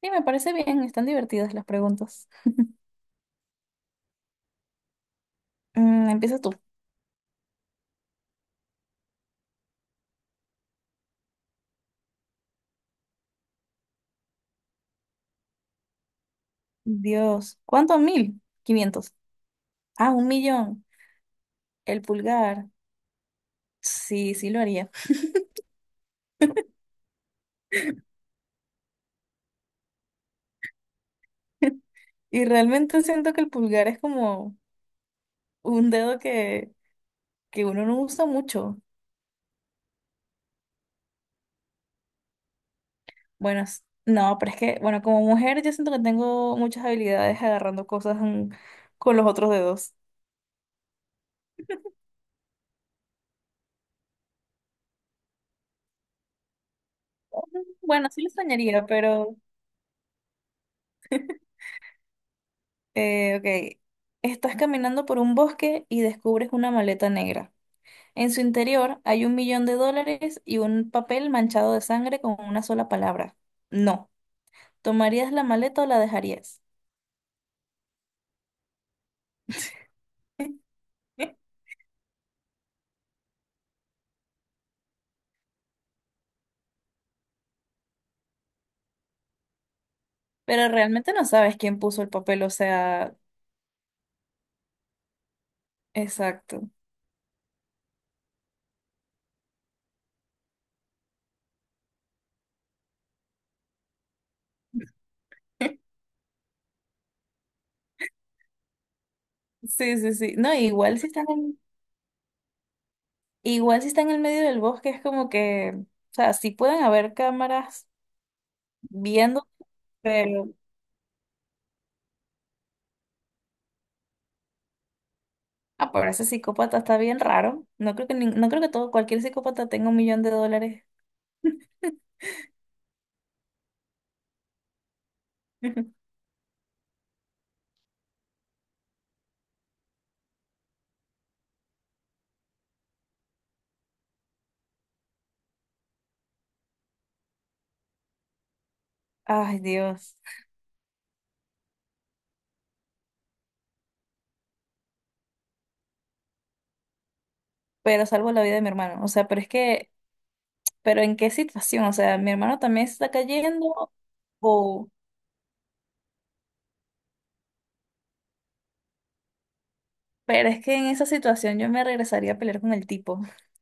Sí, me parece bien, están divertidas las preguntas. Empieza tú. Dios, ¿cuánto? Mil. Quinientos. Ah, un millón. El pulgar. Sí, lo haría. Y realmente siento que el pulgar es como un dedo que uno no usa mucho. Bueno, s- no, pero es que, bueno, como mujer yo siento que tengo muchas habilidades agarrando cosas con los otros dedos. Ujú. Bueno, sí lo extrañaría, pero, eh, ok. Estás caminando por un bosque y descubres una maleta negra. En su interior hay un millón de dólares y un papel manchado de sangre con una sola palabra. No. ¿Tomarías la maleta o la dejarías? Pero realmente no sabes quién puso el papel, o sea, exacto. Sí, sí, sí. No, igual si están en el medio del bosque es como que, o sea, sí pueden haber cámaras viendo, pero ah, pero ese psicópata está bien raro. No creo que nin- no creo que todo cualquier psicópata tenga un millón de dólares. Ay, Dios. Pero salvo la vida de mi hermano. O sea, pero es que, pero ¿en qué situación? O sea, mi hermano también se está cayendo o... Pero es que en esa situación yo me regresaría a pelear con el tipo.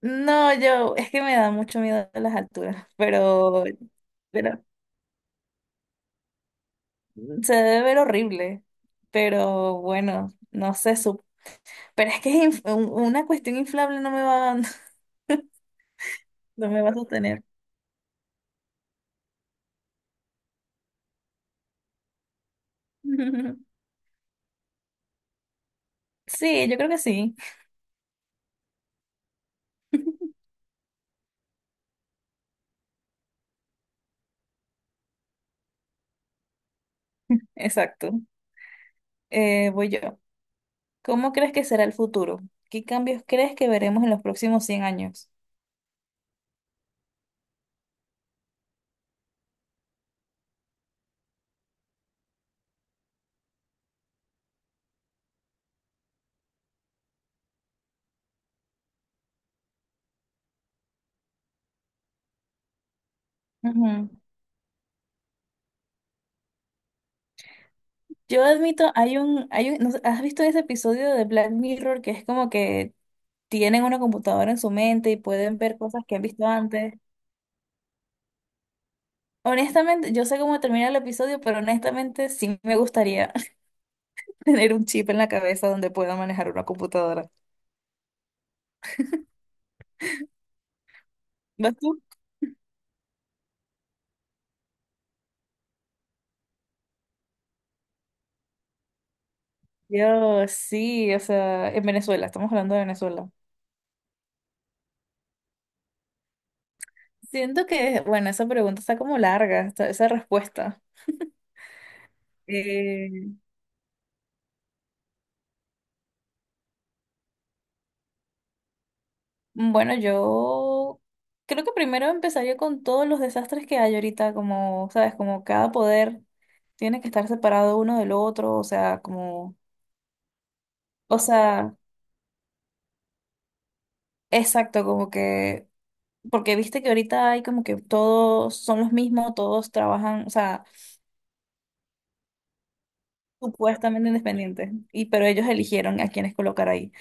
No, yo, es que me da mucho miedo las alturas, pero se debe ver horrible. Pero bueno, no sé, su- pero es que es inf- un- una cuestión inflable no me va, no me va a sostener. Sí, yo creo que sí, exacto. Voy yo. ¿Cómo crees que será el futuro? ¿Qué cambios crees que veremos en los próximos 100 años? Ujú. Yo admito, no sé, ¿has visto ese episodio de Black Mirror que es como que tienen una computadora en su mente y pueden ver cosas que han visto antes? Honestamente, yo sé cómo termina el episodio, pero honestamente sí me gustaría tener un chip en la cabeza donde pueda manejar una computadora. ¿Vas tú? Yo sí, o sea, en Venezuela, estamos hablando de Venezuela. Siento que, bueno, esa pregunta está como larga, esta- esa respuesta. Eh, bueno, yo creo que primero empezaría con todos los desastres que hay ahorita, como, sabes, como cada poder tiene que estar separado uno del otro, o sea, como, o sea, exacto, como que, porque viste que ahorita hay como que todos son los mismos, todos trabajan, o sea, supuestamente independientes, y pero ellos eligieron a quienes colocar ahí.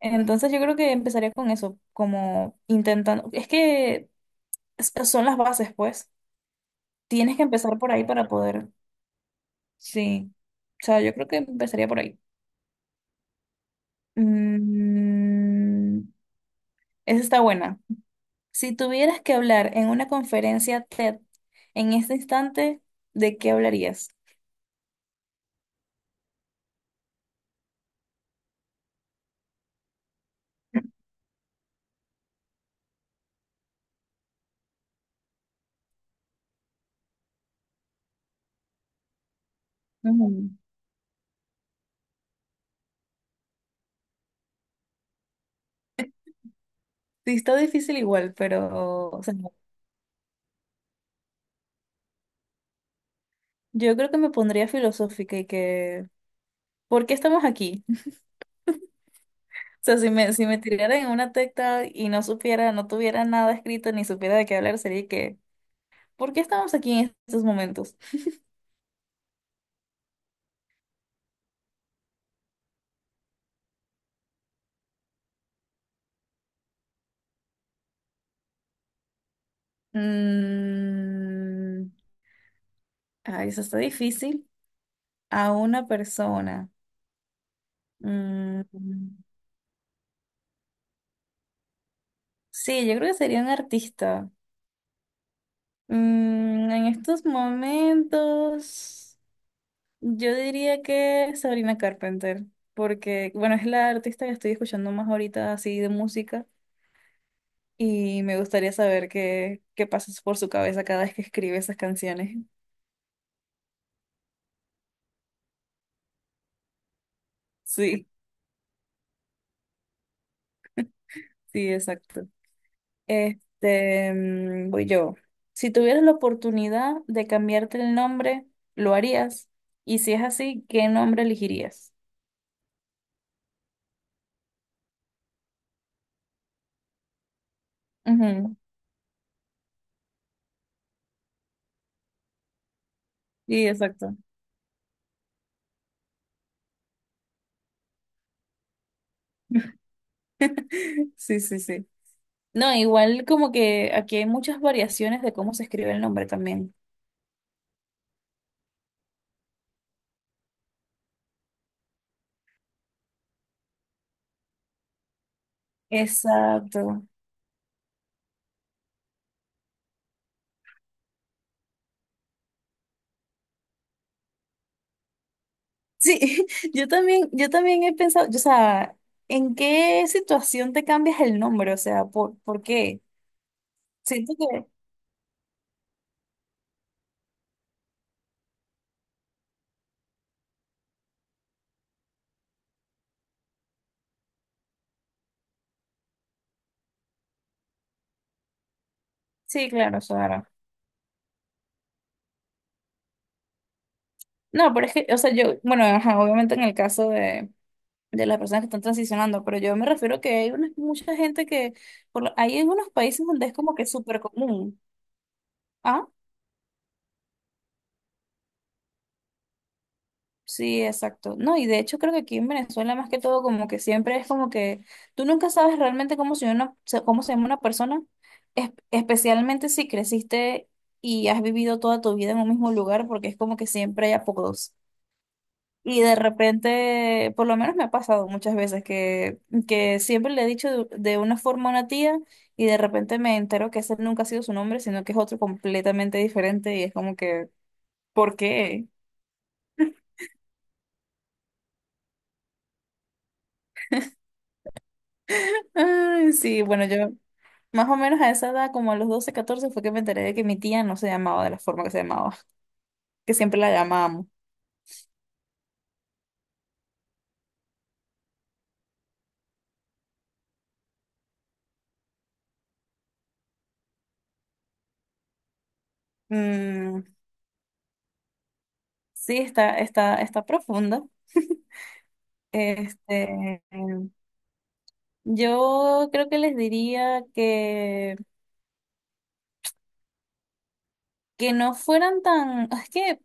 Entonces yo creo que empezaría con eso, como intentando, es que s- son las bases, pues. Tienes que empezar por ahí para poder Sí. O sea, yo creo que empezaría por ahí. Mm, Esa está buena. Si tuvieras que hablar en una conferencia TED en este instante, ¿de qué hablarías? Ujú. Sí, está difícil igual, pero o sea, yo creo que me pondría filosófica y que, ¿por qué estamos aquí? O sea, si me, si me tirara en una tecta y no supiera, no tuviera nada escrito ni supiera de qué hablar, sería que, ¿por qué estamos aquí en estos momentos? Mm, ay, eso está difícil. A una persona. Mm, sí, yo creo que sería un artista. En estos momentos, yo diría que Sabrina Carpenter, porque, bueno, es la artista que estoy escuchando más ahorita así de música y me gustaría saber qué, qué pasa por su cabeza cada vez que escribe esas canciones. Sí, sí, exacto. Voy yo. Si tuvieras la oportunidad de cambiarte el nombre, ¿lo harías? Y si es así, ¿qué nombre elegirías? Ujú, sí, exacto. Sí, sí, sí. No, igual como que aquí hay muchas variaciones de cómo se escribe el nombre también. Exacto. Sí, yo también he pensado, o sea, ¿en qué situación te cambias el nombre? O sea, ¿por qué? Siento que, sí, claro, o sea, no, pero es que, o sea, yo, bueno, ajá, obviamente en el caso de las personas que están transicionando, pero yo me refiero que hay una, mucha gente que, por lo- hay en unos países donde es como que súper común. Ah, sí, exacto. No, y de hecho creo que aquí en Venezuela más que todo como que siempre es como que tú nunca sabes realmente cómo se, una, se- cómo se llama una persona, es- especialmente si creciste y has vivido toda tu vida en un mismo lugar, porque es como que siempre hay apodos. Y de repente, por lo menos me ha pasado muchas veces que siempre le he dicho de una forma a una tía y de repente me entero que ese nunca ha sido su nombre, sino que es otro completamente diferente y es como que, ¿por qué? Ay, sí, bueno, yo más o menos a esa edad, como a los 12 14 fue que me enteré de que mi tía no se llamaba de la forma que se llamaba, que siempre la llamábamos. Mm, sí, está profunda. Este, yo creo que les diría que no fueran tan, es que,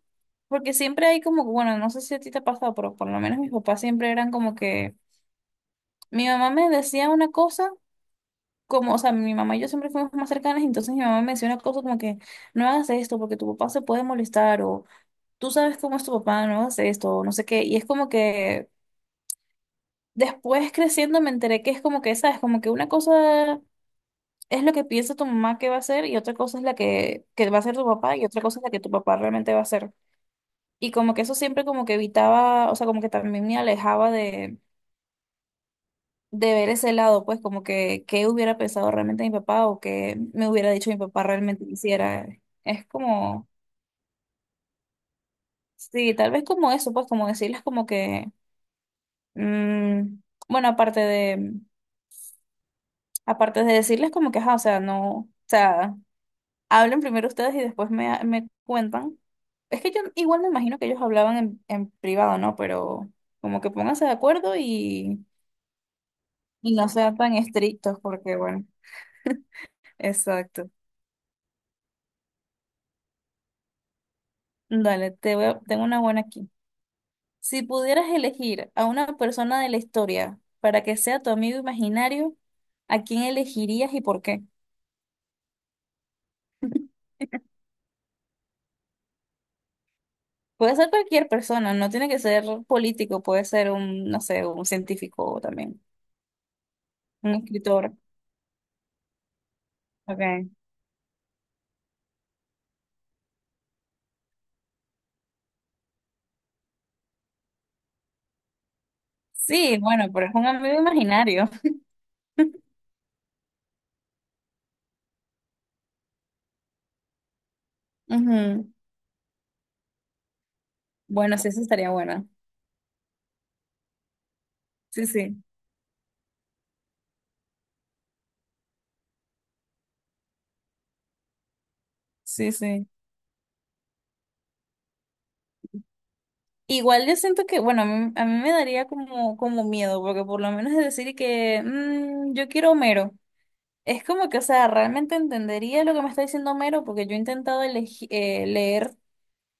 porque siempre hay como, que, bueno, no sé si a ti te ha pasado, pero por lo menos mis papás siempre eran como que, mi mamá me decía una cosa, como, o sea, mi mamá y yo siempre fuimos más cercanas, y entonces mi mamá me decía una cosa como que, no hagas esto porque tu papá se puede molestar, o tú sabes cómo es tu papá, no hagas esto, o no sé qué, y es como que después creciendo me enteré que es como que, sabes, como que una cosa... Es lo que piensa tu mamá que va a hacer y otra cosa es la que va a hacer tu papá y otra cosa es la que tu papá realmente va a hacer. Y como que eso siempre como que evitaba, o sea, como que también me alejaba de ver ese lado, pues como que qué hubiera pensado realmente mi papá o qué me hubiera dicho mi papá realmente que hiciera Es como, sí, tal vez como eso, pues como decirles como que, mm, bueno, aparte de decirles como que, ajá, o sea, no, o sea, hablen primero ustedes y después me, me cuentan. Es que yo igual me imagino que ellos hablaban en privado, ¿no? Pero como que pónganse de acuerdo Y no sean tan estrictos porque, bueno, exacto. Dale, te voy a- tengo una buena aquí. Si pudieras elegir a una persona de la historia para que sea tu amigo imaginario, ¿a quién elegirías y por qué? Puede ser cualquier persona, no tiene que ser político, puede ser un, no sé, un científico también, un escritor. Okay. Sí, bueno, pero es un amigo imaginario. Ujú. Bueno, sí, eso estaría bueno. Sí, sí, sí, sí. Igual yo siento que, bueno, a mí me daría como, como miedo, porque por lo menos es decir que "Mm, yo quiero Homero. Es como que, o sea, realmente entendería lo que me está diciendo Homero, porque yo he intentado leer,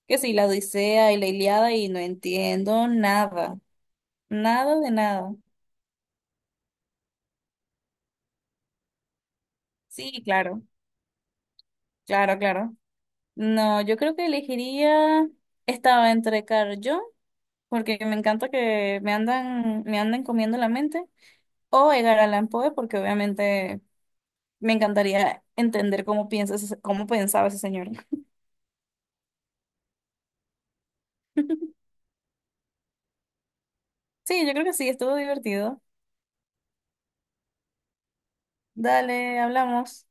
que sí, la Odisea y la Ilíada y no entiendo nada, nada de nada. Sí, claro, claro, claro. No, yo creo que elegiría, estaba entre Carl Jung, porque me encanta que me andan comiendo la mente. O Edgar Allan Poe, porque obviamente me encantaría entender cómo piensas, ese- cómo pensaba ese señor. Sí, yo creo que sí, estuvo divertido. Dale, hablamos.